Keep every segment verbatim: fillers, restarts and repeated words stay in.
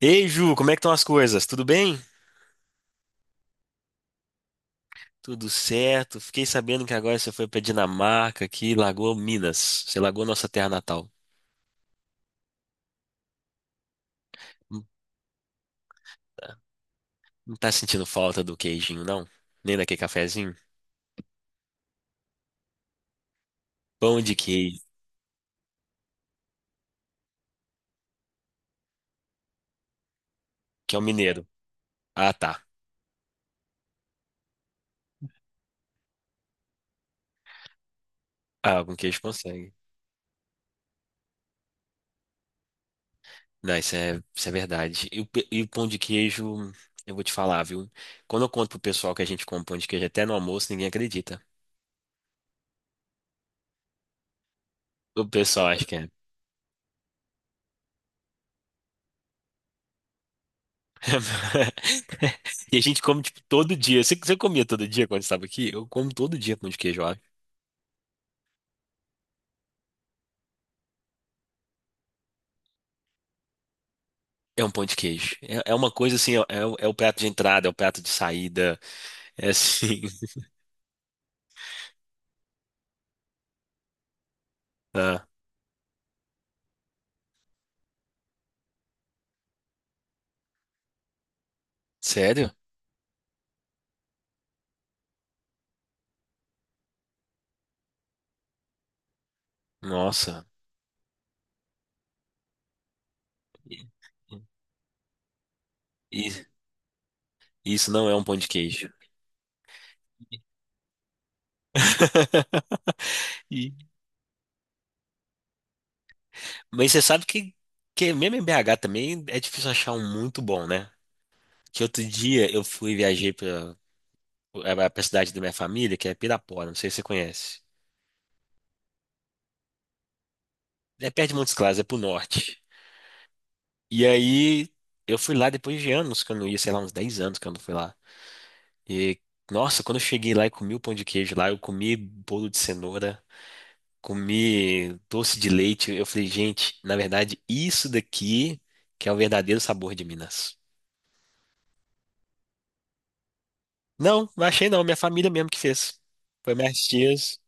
Ei, Ju, como é que estão as coisas? Tudo bem? Tudo certo. Fiquei sabendo que agora você foi pra Dinamarca, aqui Lagoa Minas. Você largou nossa terra natal. Não tá não tá sentindo falta do queijinho, não? Nem daquele cafezinho? Pão de queijo, que é o mineiro. Ah, tá. Ah, com queijo consegue. Não, isso é, isso é verdade. E o, pe- e o pão de queijo, eu vou te falar, viu? Quando eu conto pro pessoal que a gente come pão de queijo até no almoço, ninguém acredita. O pessoal acha que é. E a gente come, tipo, todo dia. Você, você comia todo dia quando estava aqui? Eu como todo dia pão de queijo, ó. É um pão de queijo. É, é uma coisa assim, é, é o é o prato de entrada, é o prato de saída. É assim. Ah, sério? Nossa. Isso, isso não é um pão de queijo. E- Mas você sabe que, que mesmo em B H também é difícil achar um muito bom, né? Que outro dia eu fui viajei para a cidade da minha família, que é Pirapora, não sei se você conhece. É perto de Montes Claros, é pro norte. E aí eu fui lá depois de anos que eu não ia, sei lá, uns dez anos que eu não fui lá. E nossa, quando eu cheguei lá e comi o pão de queijo lá, eu comi bolo de cenoura, comi doce de leite. Eu falei, gente, na verdade, isso daqui que é o verdadeiro sabor de Minas. Não, não achei não, minha família mesmo que fez. Foi minhas tias.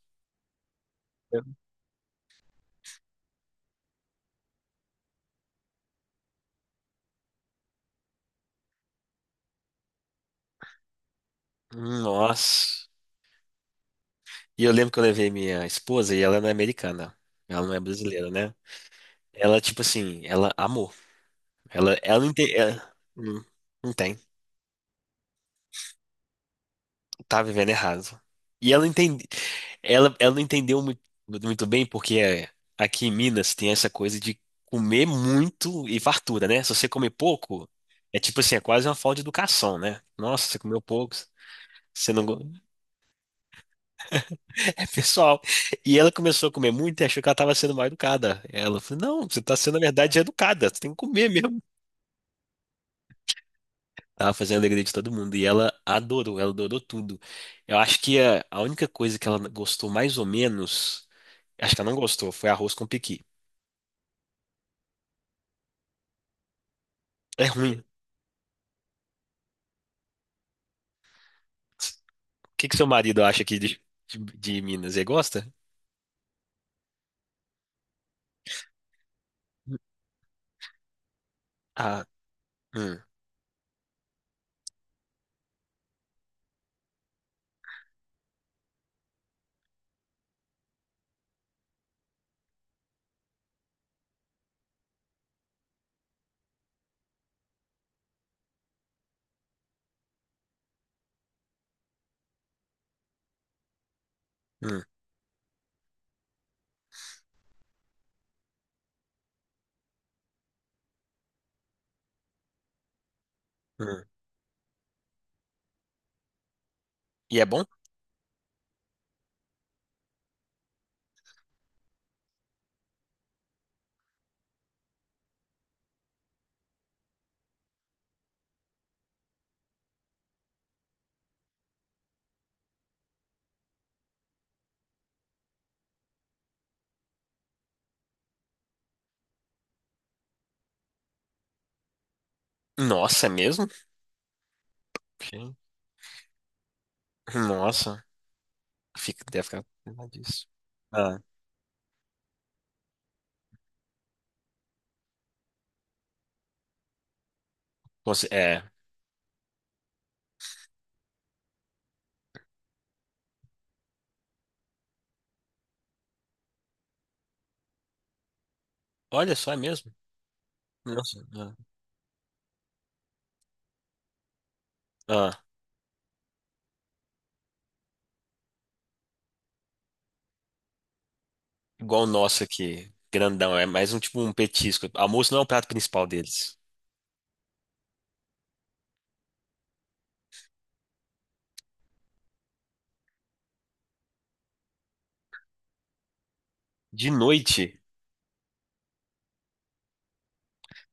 Nossa. E eu lembro que eu levei minha esposa e ela não é americana. Ela não é brasileira, né? Ela, tipo assim, ela amou. Ela, ela não tem. Ela- não, não tem. Tá vivendo errado. E ela entende, ela, ela não entendeu muito, muito bem, porque é, aqui em Minas tem essa coisa de comer muito e fartura, né? Se você comer pouco, é tipo assim, é quase uma falta de educação, né? Nossa, você comeu pouco, você não. go- É pessoal. E ela começou a comer muito e achou que ela estava sendo mal educada. Ela falou: Não, você está sendo, na verdade, educada. Você tem que comer mesmo. Ela fazia a alegria de todo mundo e ela adorou, ela adorou tudo. Eu acho que a, a única coisa que ela gostou mais ou menos, acho que ela não gostou, foi arroz com pequi. É ruim. O que que seu marido acha aqui de, de, de Minas? Ele gosta? Ah, hum, hum, hum. E é bom? Nossa, é mesmo? Sim. Nossa, fica, deve ficar com disso. Ah, você, é. Olha só, é mesmo? Nossa, ah, ah. Igual o nosso aqui, grandão, é mais um tipo um petisco. Almoço não é o prato principal deles. De noite,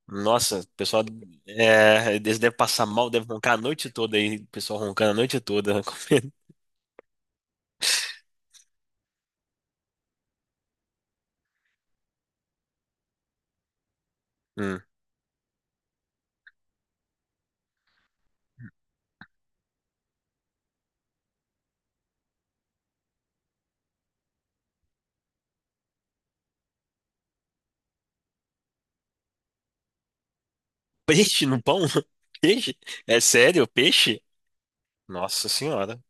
nossa, o pessoal, é, eles devem passar mal, devem roncar a noite toda aí, o pessoal roncando a noite toda, comendo. Hum. Peixe no pão? Peixe? É sério? Peixe? Nossa senhora.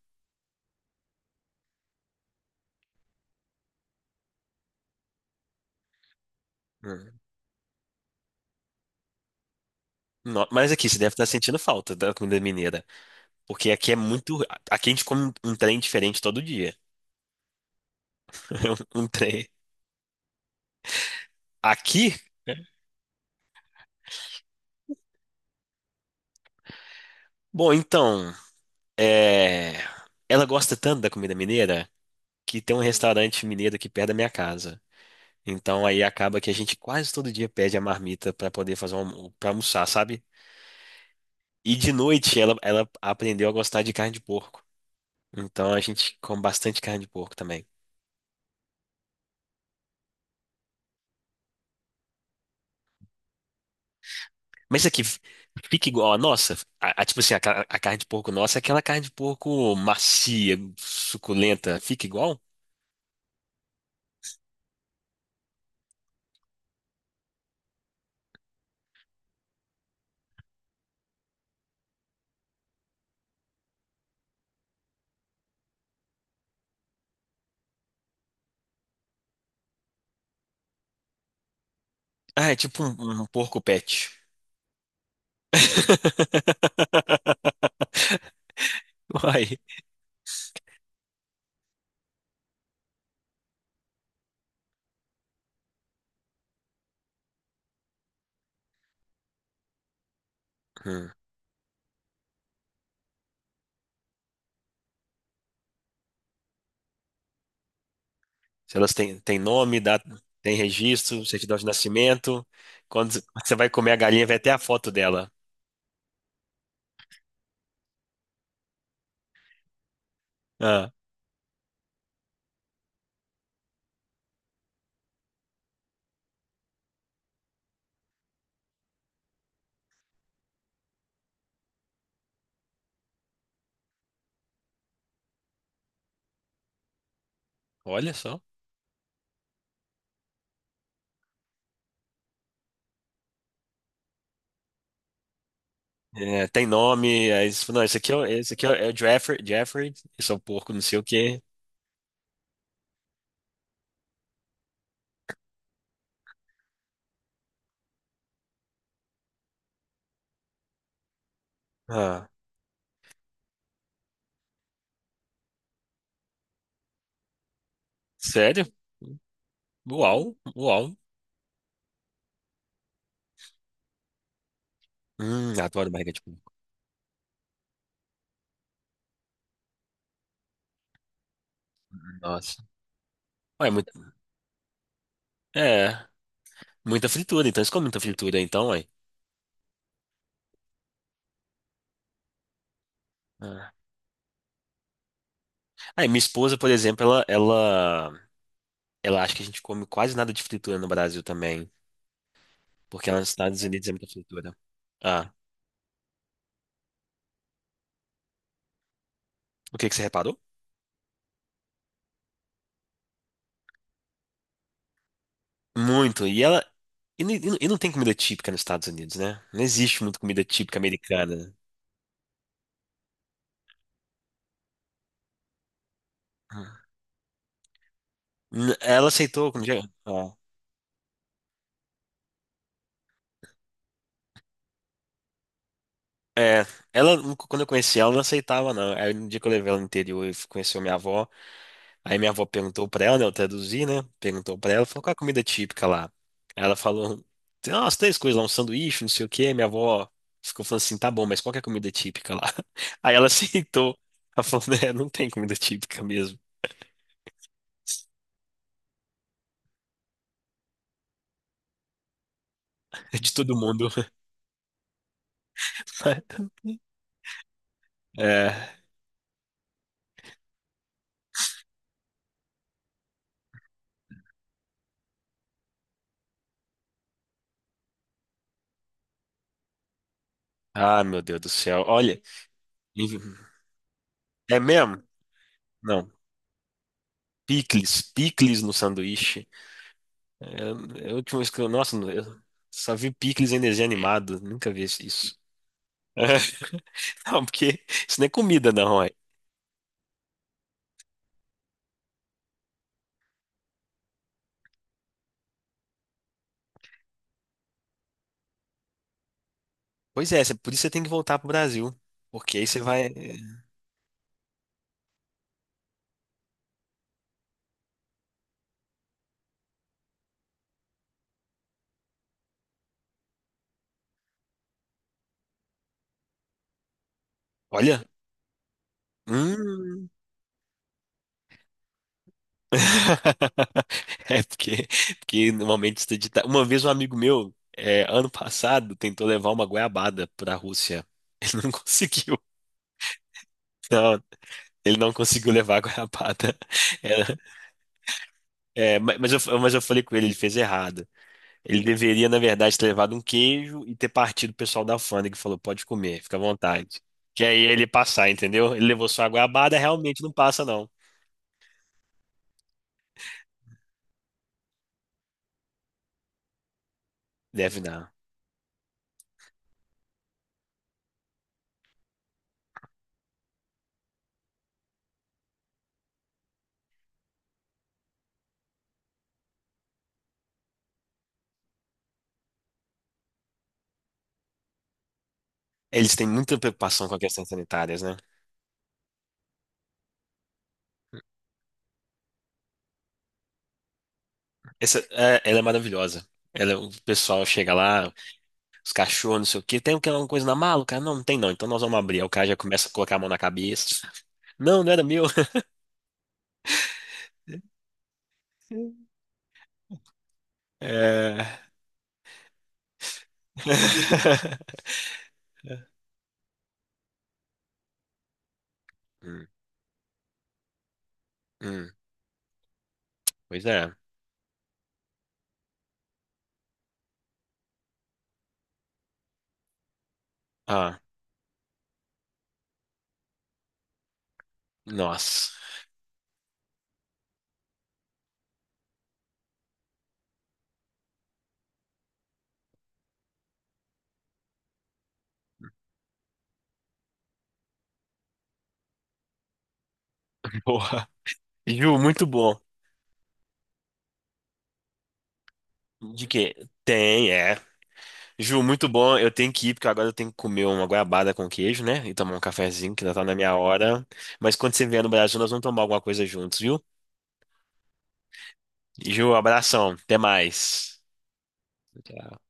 Hum. No- Mas aqui você deve estar sentindo falta da comida mineira, porque aqui é muito, aqui a gente come um um trem diferente todo dia. Um trem. Aqui? Bom, então. É, ela gosta tanto da comida mineira que tem um restaurante mineiro aqui perto da minha casa. Então aí acaba que a gente quase todo dia pede a marmita pra poder fazer um, para almoçar, sabe? E de noite ela, ela aprendeu a gostar de carne de porco. Então a gente come bastante carne de porco também. Mas isso aqui f- fica igual a nossa. A, a- tipo assim, a, ca- a carne de porco nossa é aquela carne de porco macia, suculenta. Fica igual? Ah, é tipo um um porco pet. Uai. Hum. Se elas têm, têm nome, data, tem registro, certidão de nascimento. Quando você vai comer a galinha, vai até a foto dela. Ah, olha só. É, tem nome. Aí, você fala, não, esse aqui é, o- esse aqui é, o é o Jeffrey, Jeffrey. Esse é o porco, não sei o quê. Ah, sério? Uau, uau. Hum, adoro barriga de porco. Nossa. Ué, muito, é, muita fritura. Então, eles comem muita fritura, então, ué. Ah. Aí, minha esposa, por exemplo, ela, ela, ela acha que a gente come quase nada de fritura no Brasil também. Porque lá nos Estados Unidos é muita fritura. Ah, o que que você reparou? Muito. E ela. E, não- e não e não tem comida típica nos Estados Unidos, né? Não existe muita comida típica americana. N- Ela aceitou. quando já- ah. É, ela, quando eu conheci ela, não aceitava, não. Aí no dia que eu levei ela no interior e conheceu minha avó. Aí minha avó perguntou pra ela, né? Eu traduzi, né? Perguntou pra ela, falou, qual é a comida típica lá? Aí ela falou, tem umas três coisas lá, um sanduíche, não sei o quê. Minha avó ficou falando assim, tá bom, mas qual que é a comida típica lá? Aí ela aceitou. Ela falou, né, não tem comida típica mesmo. É de todo mundo. É. Ah, meu Deus do céu. Olha, é mesmo? Não. Picles, picles no sanduíche. É, é a última vez que eu, nossa, eu só vi picles em desenho animado. Nunca vi isso. Não, porque isso não é comida, não, ué. Pois é, cê- por isso você tem que voltar pro Brasil. Porque aí você vai. Olha. Hum. É porque, porque normalmente você edita. Uma vez um amigo meu, é, ano passado, tentou levar uma goiabada pra Rússia. Ele não conseguiu. Não, ele não conseguiu levar a goiabada. É, é, ma- mas eu, mas eu falei com ele, ele fez errado. Ele deveria, na verdade, ter levado um queijo e ter partido o pessoal da alfândega que falou, pode comer, fica à vontade. Que aí é ele ia passar, entendeu? Ele levou só a goiabada, realmente não passa, não. Deve dar. Eles têm muita preocupação com as questões sanitárias, né? Essa, é, ela é maravilhosa. Ela, é o pessoal chega lá, os cachorros, não sei o quê. Tem alguma coisa na mala? O cara, não, não tem não. Então nós vamos abrir. Aí o cara já começa a colocar a mão na cabeça. Não, não era meu. É. Hum, hum, pois é. Ah, nossa. Porra. Ju, muito bom. De quê? Tem, é. Ju, muito bom. Eu tenho que ir, porque agora eu tenho que comer uma goiabada com queijo, né? E tomar um cafezinho, que já tá na minha hora. Mas quando você vier no Brasil, nós vamos tomar alguma coisa juntos, viu? Ju, abração. Até mais. Tchau.